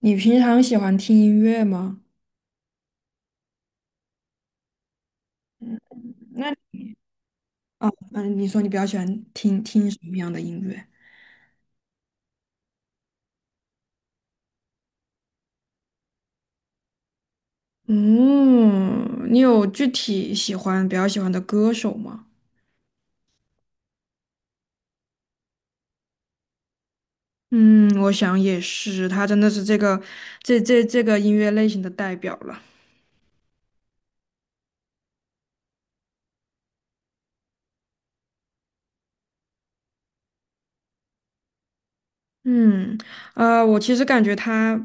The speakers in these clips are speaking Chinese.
你平常喜欢听音乐吗？嗯，那啊，嗯，你说你比较喜欢听听什么样的音乐？嗯，你有具体喜欢比较喜欢的歌手吗？嗯，我想也是，他真的是这个这个音乐类型的代表了。嗯，我其实感觉他，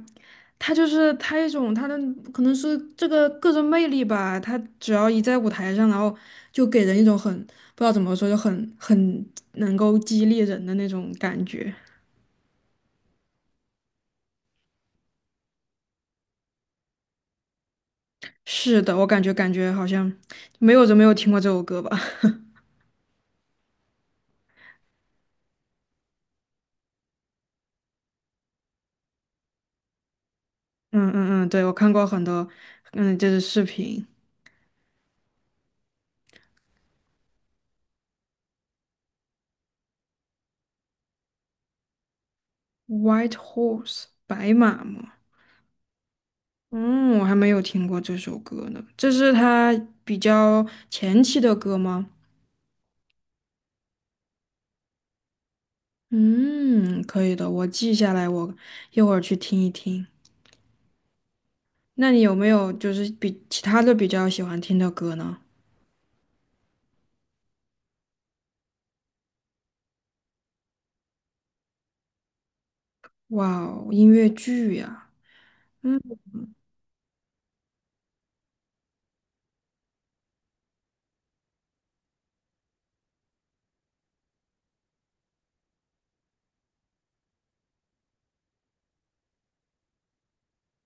他就是他一种他的可能是这个个人魅力吧。他只要一在舞台上，然后就给人一种很不知道怎么说，就很能够激励人的那种感觉。是的，我感觉好像没有人没有听过这首歌吧。嗯嗯嗯，对，我看过很多，嗯，就是视频，White Horse 白马嘛。嗯，我还没有听过这首歌呢。这是他比较前期的歌吗？嗯，可以的，我记下来，我一会儿去听一听。那你有没有就是比其他的比较喜欢听的歌呢？哇哦，音乐剧呀，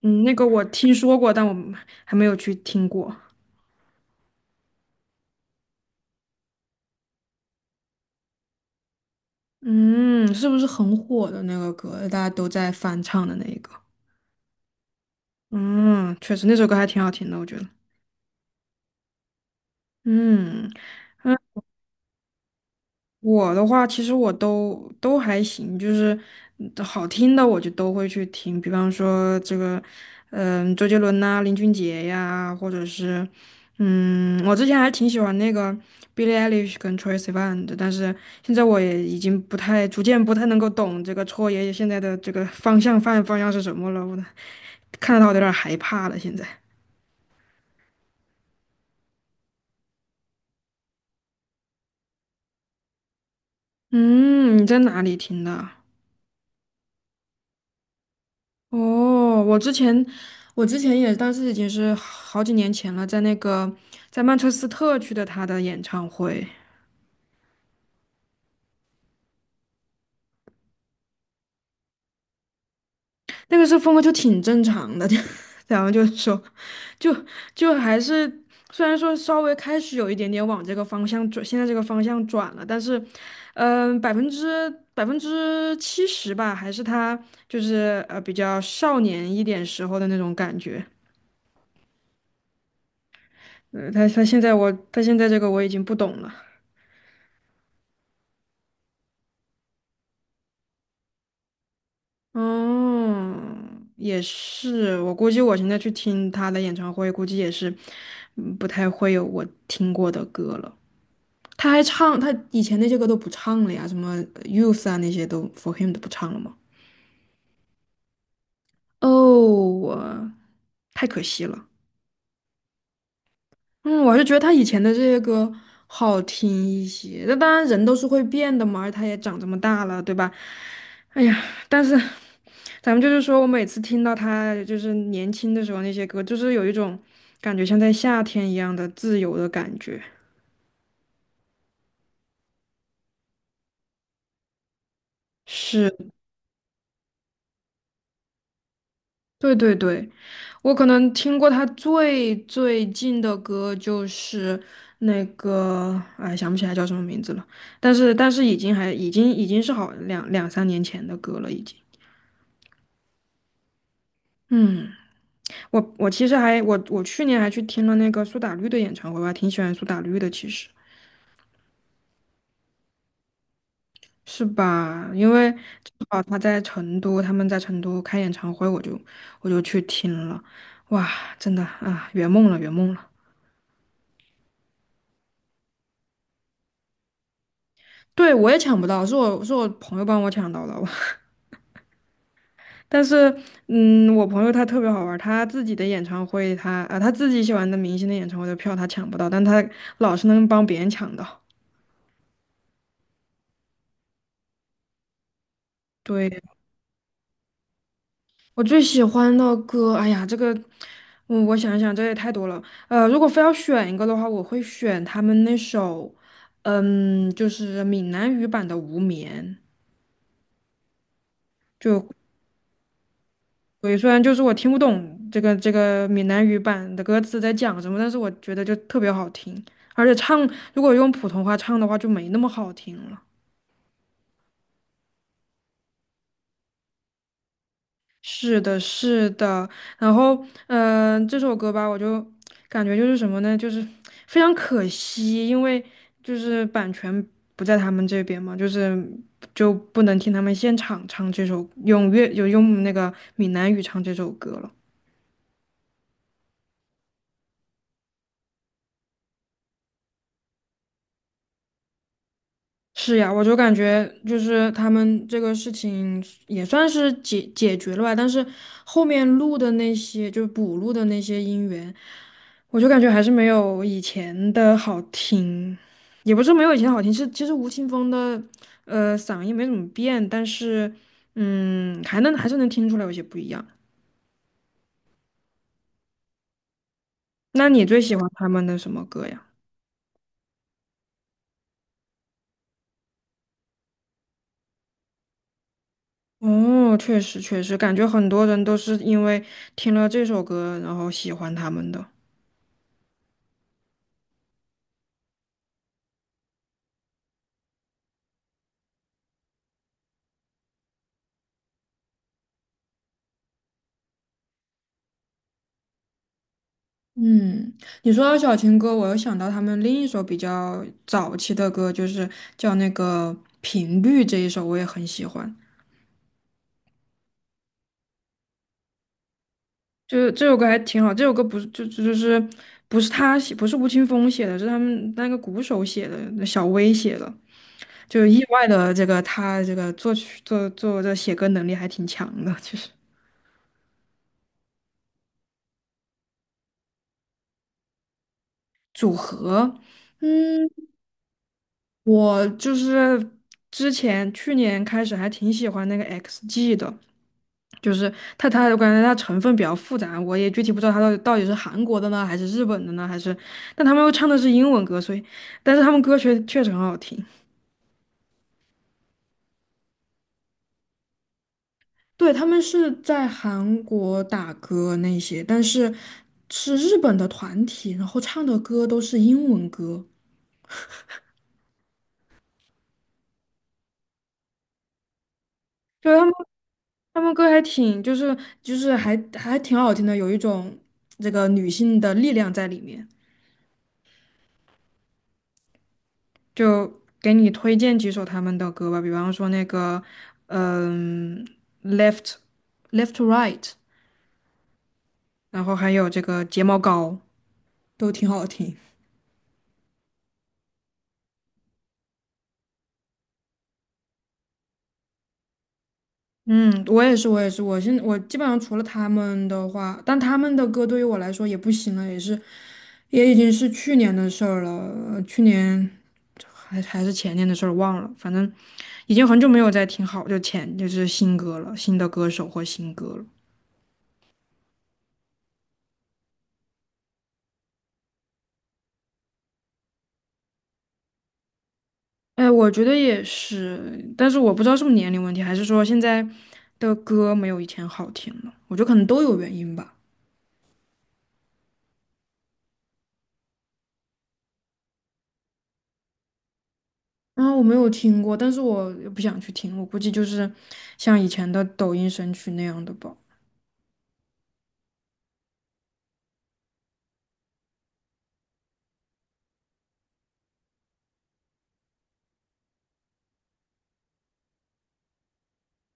嗯，那个我听说过，但我还没有去听过。嗯，是不是很火的那个歌，大家都在翻唱的那一个？嗯，确实那首歌还挺好听的，我觉得。嗯。嗯我的话，其实我都还行，就是好听的我就都会去听，比方说这个，嗯，周杰伦呐、林俊杰呀，或者是，嗯，我之前还挺喜欢那个 Billie Eilish 跟 Troye Sivan 的，但是现在我也已经不太，逐渐不太能够懂这个戳爷爷现在的这个方向是什么了，我 的看到他我都有点害怕了。现在，嗯，你在哪里听的？哦，我之前也，当时已经是好几年前了，在那个在曼彻斯特去的他的演唱会，那个时候风格就挺正常的，就然后就说，就就还是虽然说稍微开始有一点点往这个方向转，现在这个方向转了，但是，嗯、百分之七十吧，还是他就是比较少年一点时候的那种感觉，他现在我他现在这个我已经不懂了。哦，也是，我估计我现在去听他的演唱会，估计也是，不太会有我听过的歌了。他还唱，他以前那些歌都不唱了呀，什么Youth 啊那些都 For Him 都不唱了吗？哦，我太可惜了。嗯，我还是觉得他以前的这些歌好听一些。那当然，人都是会变的嘛，而他也长这么大了，对吧？哎呀，但是咱们就是说，我每次听到他就是年轻的时候那些歌，就是有一种感觉像在夏天一样的自由的感觉。是，对对对，我可能听过他最近的歌就是那个，哎，想不起来叫什么名字了，但是已经还已经已经是好两三年前的歌了，已经。嗯，我其实还我去年还去听了那个苏打绿的演唱会，我还挺喜欢苏打绿的，其实是吧？因为正好他在成都，他们在成都开演唱会，我就去听了，哇，真的啊，圆梦了，圆梦了。对，我也抢不到，是我朋友帮我抢到了，我 但是我朋友他特别好玩儿他自己的演唱会他自己喜欢的明星的演唱会的票他抢不到，但他老是能帮别人抢到。对。我最喜欢的歌，哎呀，这个，我想一想，这也太多了。如果非要选一个的话，我会选他们那首，嗯，就是闽南语版的《无眠》。就，对，虽然就是我听不懂这个闽南语版的歌词在讲什么，但是我觉得就特别好听，而且唱如果用普通话唱的话就没那么好听了。是的，是的，然后，嗯、这首歌吧，我就感觉就是什么呢，就是非常可惜，因为就是版权不在他们这边嘛，就是就不能听他们现场唱这首，用粤就用那个闽南语唱这首歌了。是呀，我就感觉就是他们这个事情也算是决了吧，但是后面录的那些就是补录的那些音源，我就感觉还是没有以前的好听，也不是没有以前好听，是其实吴青峰的嗓音没怎么变，但是还是能听出来有些不一样。那你最喜欢他们的什么歌呀？哦，确实确实，感觉很多人都是因为听了这首歌，然后喜欢他们的。嗯，你说到小情歌，我又想到他们另一首比较早期的歌，就是叫那个《频率》这一首，我也很喜欢。就是这首歌还挺好，这首歌不是就是不是他写，不是吴青峰写的，是他们那个鼓手写的，那小威写的。就意外的这个他这个作曲这写歌能力还挺强的，其实。嗯。我就是之前去年开始还挺喜欢那个 XG 的，就是它我感觉它成分比较复杂，我也具体不知道它到底是韩国的呢，还是日本的呢，还是，但他们又唱的是英文歌，所以，但是他们歌曲确实很好听。对，他们是在韩国打歌那些，但是是日本的团体，然后唱的歌都是英文歌。就他们。他们歌还挺，就是还挺好听的，有一种这个女性的力量在里面。就给你推荐几首他们的歌吧，比方说那个，嗯，Left Left to Right，然后还有这个睫毛膏，都挺好听。嗯，我也是，我也是，我基本上除了他们的话，但他们的歌对于我来说也不行了，也是，也已经是去年的事儿了，去年是前年的事儿忘了，反正已经很久没有再听好，就是新歌了，新的歌手或新歌了。哎，我觉得也是，但是我不知道是不是年龄问题，还是说现在的歌没有以前好听了，我觉得可能都有原因吧。啊，我没有听过，但是我也不想去听，我估计就是像以前的抖音神曲那样的吧。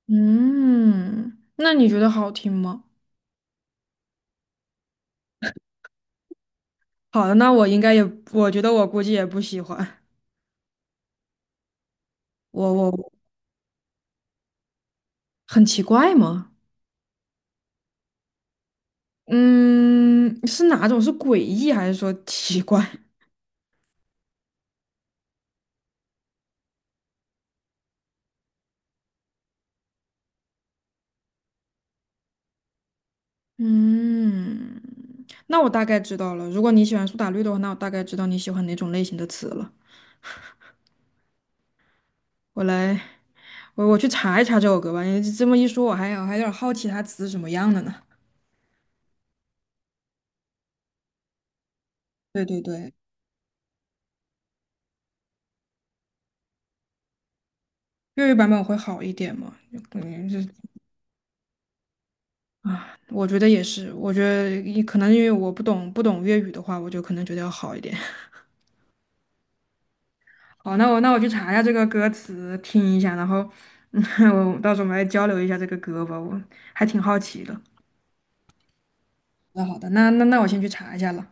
嗯，那你觉得好听吗？好的，那我应该也，我觉得我估计也不喜欢。我很奇怪吗？嗯，是哪种？是诡异还是说奇怪？嗯，那我大概知道了。如果你喜欢苏打绿的话，那我大概知道你喜欢哪种类型的词了。我来，我去查一查这首歌吧。你这么一说，我还有点好奇它词是什么样的呢。对对对，粤语版本会好一点嘛？就感觉就啊，我觉得也是，我觉得也可能因为我不懂粤语的话，我就可能觉得要好一点。好，那我去查一下这个歌词，听一下，然后嗯，我到时候我们来交流一下这个歌吧，我还挺好奇的。那好的，那我先去查一下了。